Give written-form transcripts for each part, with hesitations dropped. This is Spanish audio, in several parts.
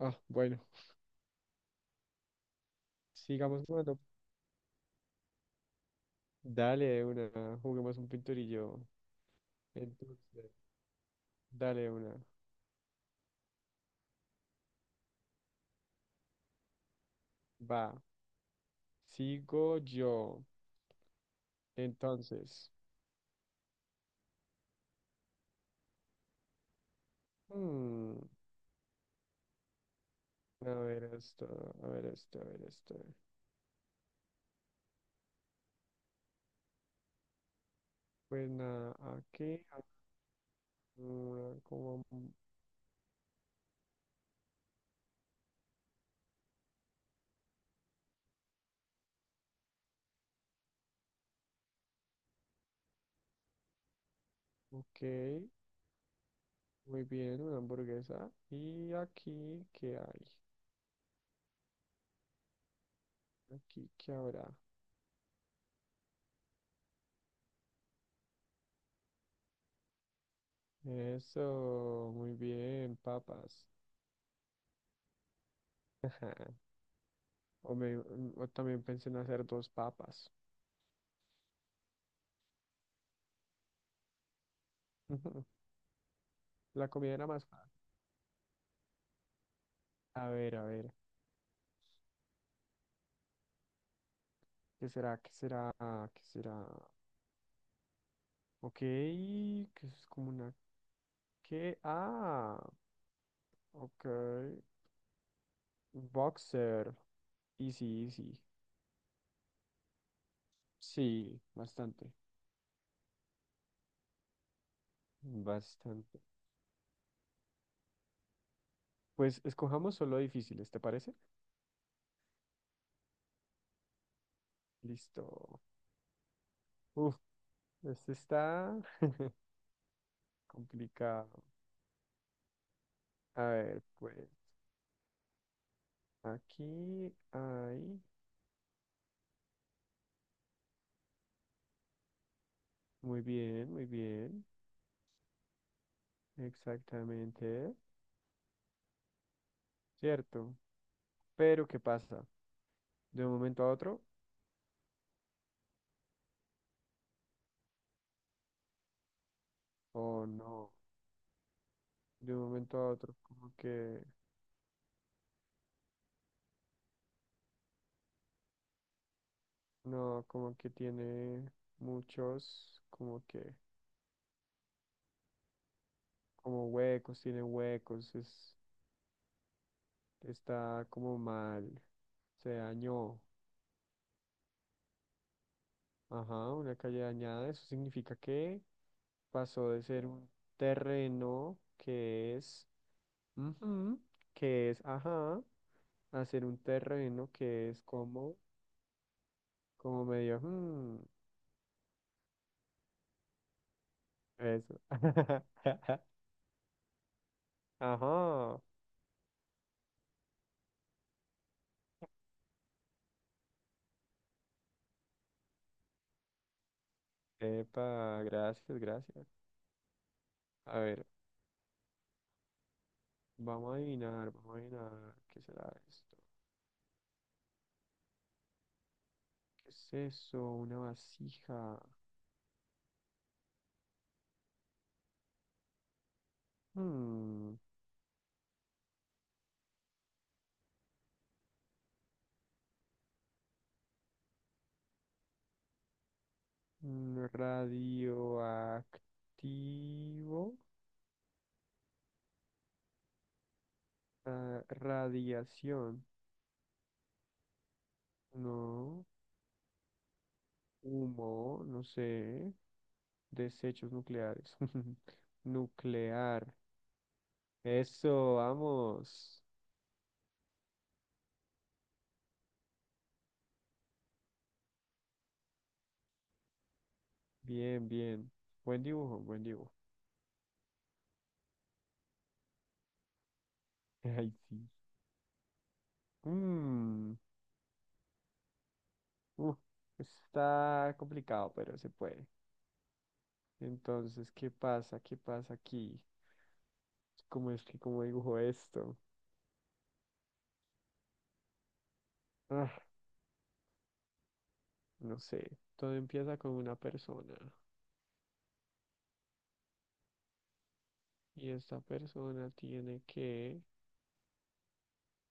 Ah, bueno, sigamos jugando. Dale de una, juguemos un pinturillo. Entonces, dale de una. Va, sigo yo. Entonces, hmm, a ver esto, a ver esto, a ver esto. Pues nada, aquí, una como, ok, muy bien, una hamburguesa. Y aquí, ¿qué hay? Aquí, ¿qué habrá? Eso, muy bien, papas. O también pensé en hacer dos papas. La comida era más fácil. A ver, a ver. ¿Qué será? ¿Qué será? ¿Qué será? Ok, que es como una... ¿Qué? Ok. Boxer. Easy, easy. Sí, sí, bastante. Bastante. Pues escojamos solo difíciles, ¿te parece? Listo. Uf, este está complicado. A ver, pues aquí hay... Muy bien, muy bien. Exactamente, cierto. Pero ¿qué pasa? De un momento a otro, o no, de un momento a otro, como que no, como que tiene muchos, como que, como huecos, tiene huecos, es, está como mal, se dañó. Ajá, una calle dañada, eso significa que pasó de ser un terreno que es, ujú, que es, ajá, a ser un terreno que es como. Como medio, eso. Ajá. Epa, gracias, gracias. A ver, vamos a adivinar, vamos a adivinar. ¿Qué será esto? ¿Qué es eso? Una vasija. Hmm, radioactivo. Ah, radiación. No. Humo, no sé. Desechos nucleares. Nuclear. Eso, vamos. Bien, bien. Buen dibujo, buen dibujo. Ay, sí. Mm, uf, está complicado, pero se puede. Entonces, ¿qué pasa? ¿Qué pasa aquí? ¿Cómo es que cómo dibujo esto? Ah, no sé. Todo empieza con una persona. Y esta persona tiene que,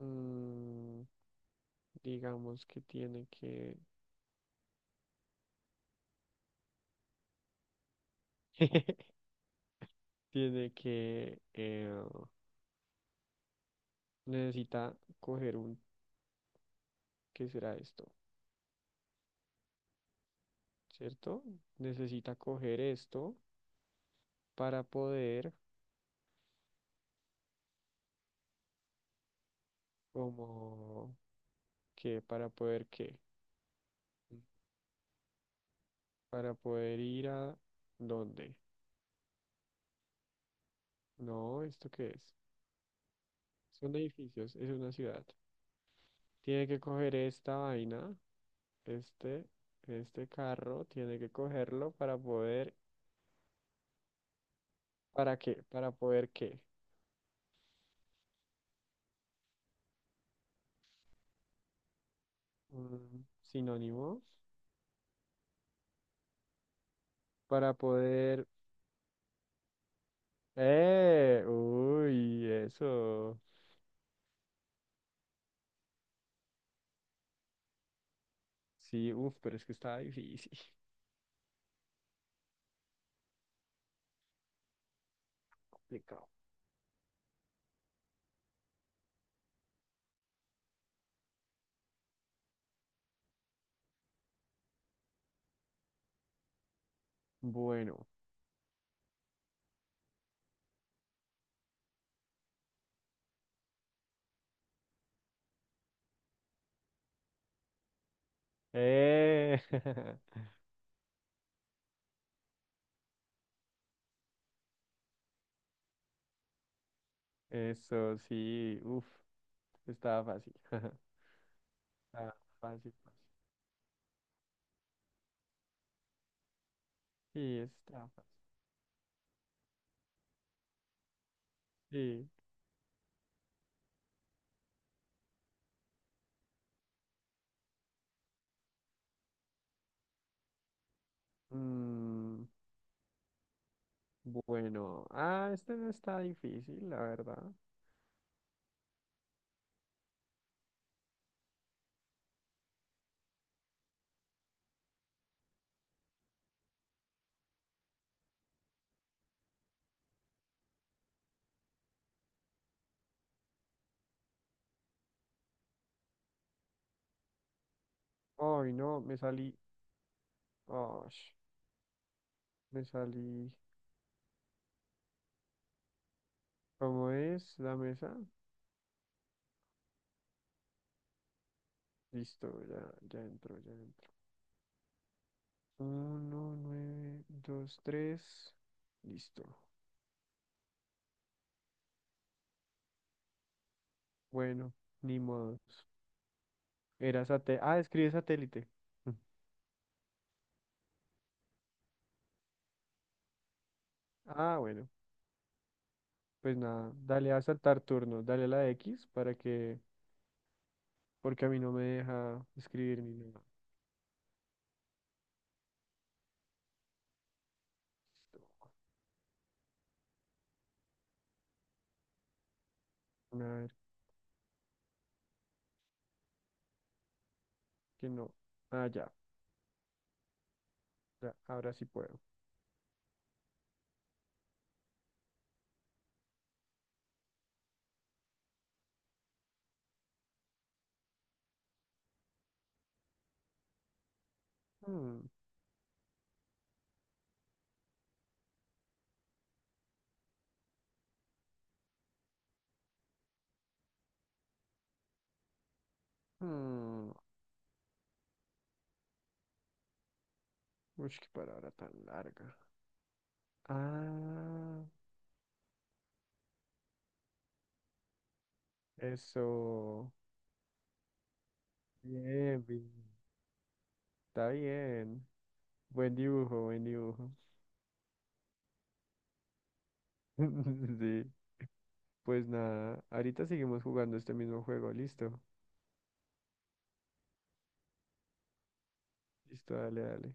mm, digamos que tiene que, tiene que, necesita coger un, ¿qué será esto? ¿Cierto? Necesita coger esto para poder, como, qué. ¿Para poder qué? Para poder ir a dónde. No, ¿esto qué es? Son edificios, es una ciudad. Tiene que coger esta vaina, este, este carro, tiene que cogerlo para poder, ¿para qué? Para poder qué. Mm, sinónimos. Para poder... ¡Eh! ¡Uy! Eso. Sí, uff, pero es que estaba difícil. Complicado. Bueno. Eh, eso sí. Uf, estaba fácil. Estaba fácil, fácil. Sí, estaba fácil. Sí. Mm, bueno. Ah, este no está difícil, la verdad. Ay, no, me salí. Oh, me salí. ¿Cómo es la mesa? Listo, ya, ya entro, ya entro. 1, 9, 2, 3. Listo. Bueno, ni modos. Era satélite. Ah, escribe satélite. Ah, bueno, pues nada, dale a saltar turno, dale a la X para que, porque a mí no me deja escribir ni nada. A ver, que no. Ah, ya, ya, ahora sí puedo. Hmm, hmm. Uy, qué palabra tan larga. Ah, eso. Bien, bien, está bien. Buen dibujo, buen dibujo. Sí, pues nada, ahorita seguimos jugando este mismo juego, listo. Listo, dale, dale.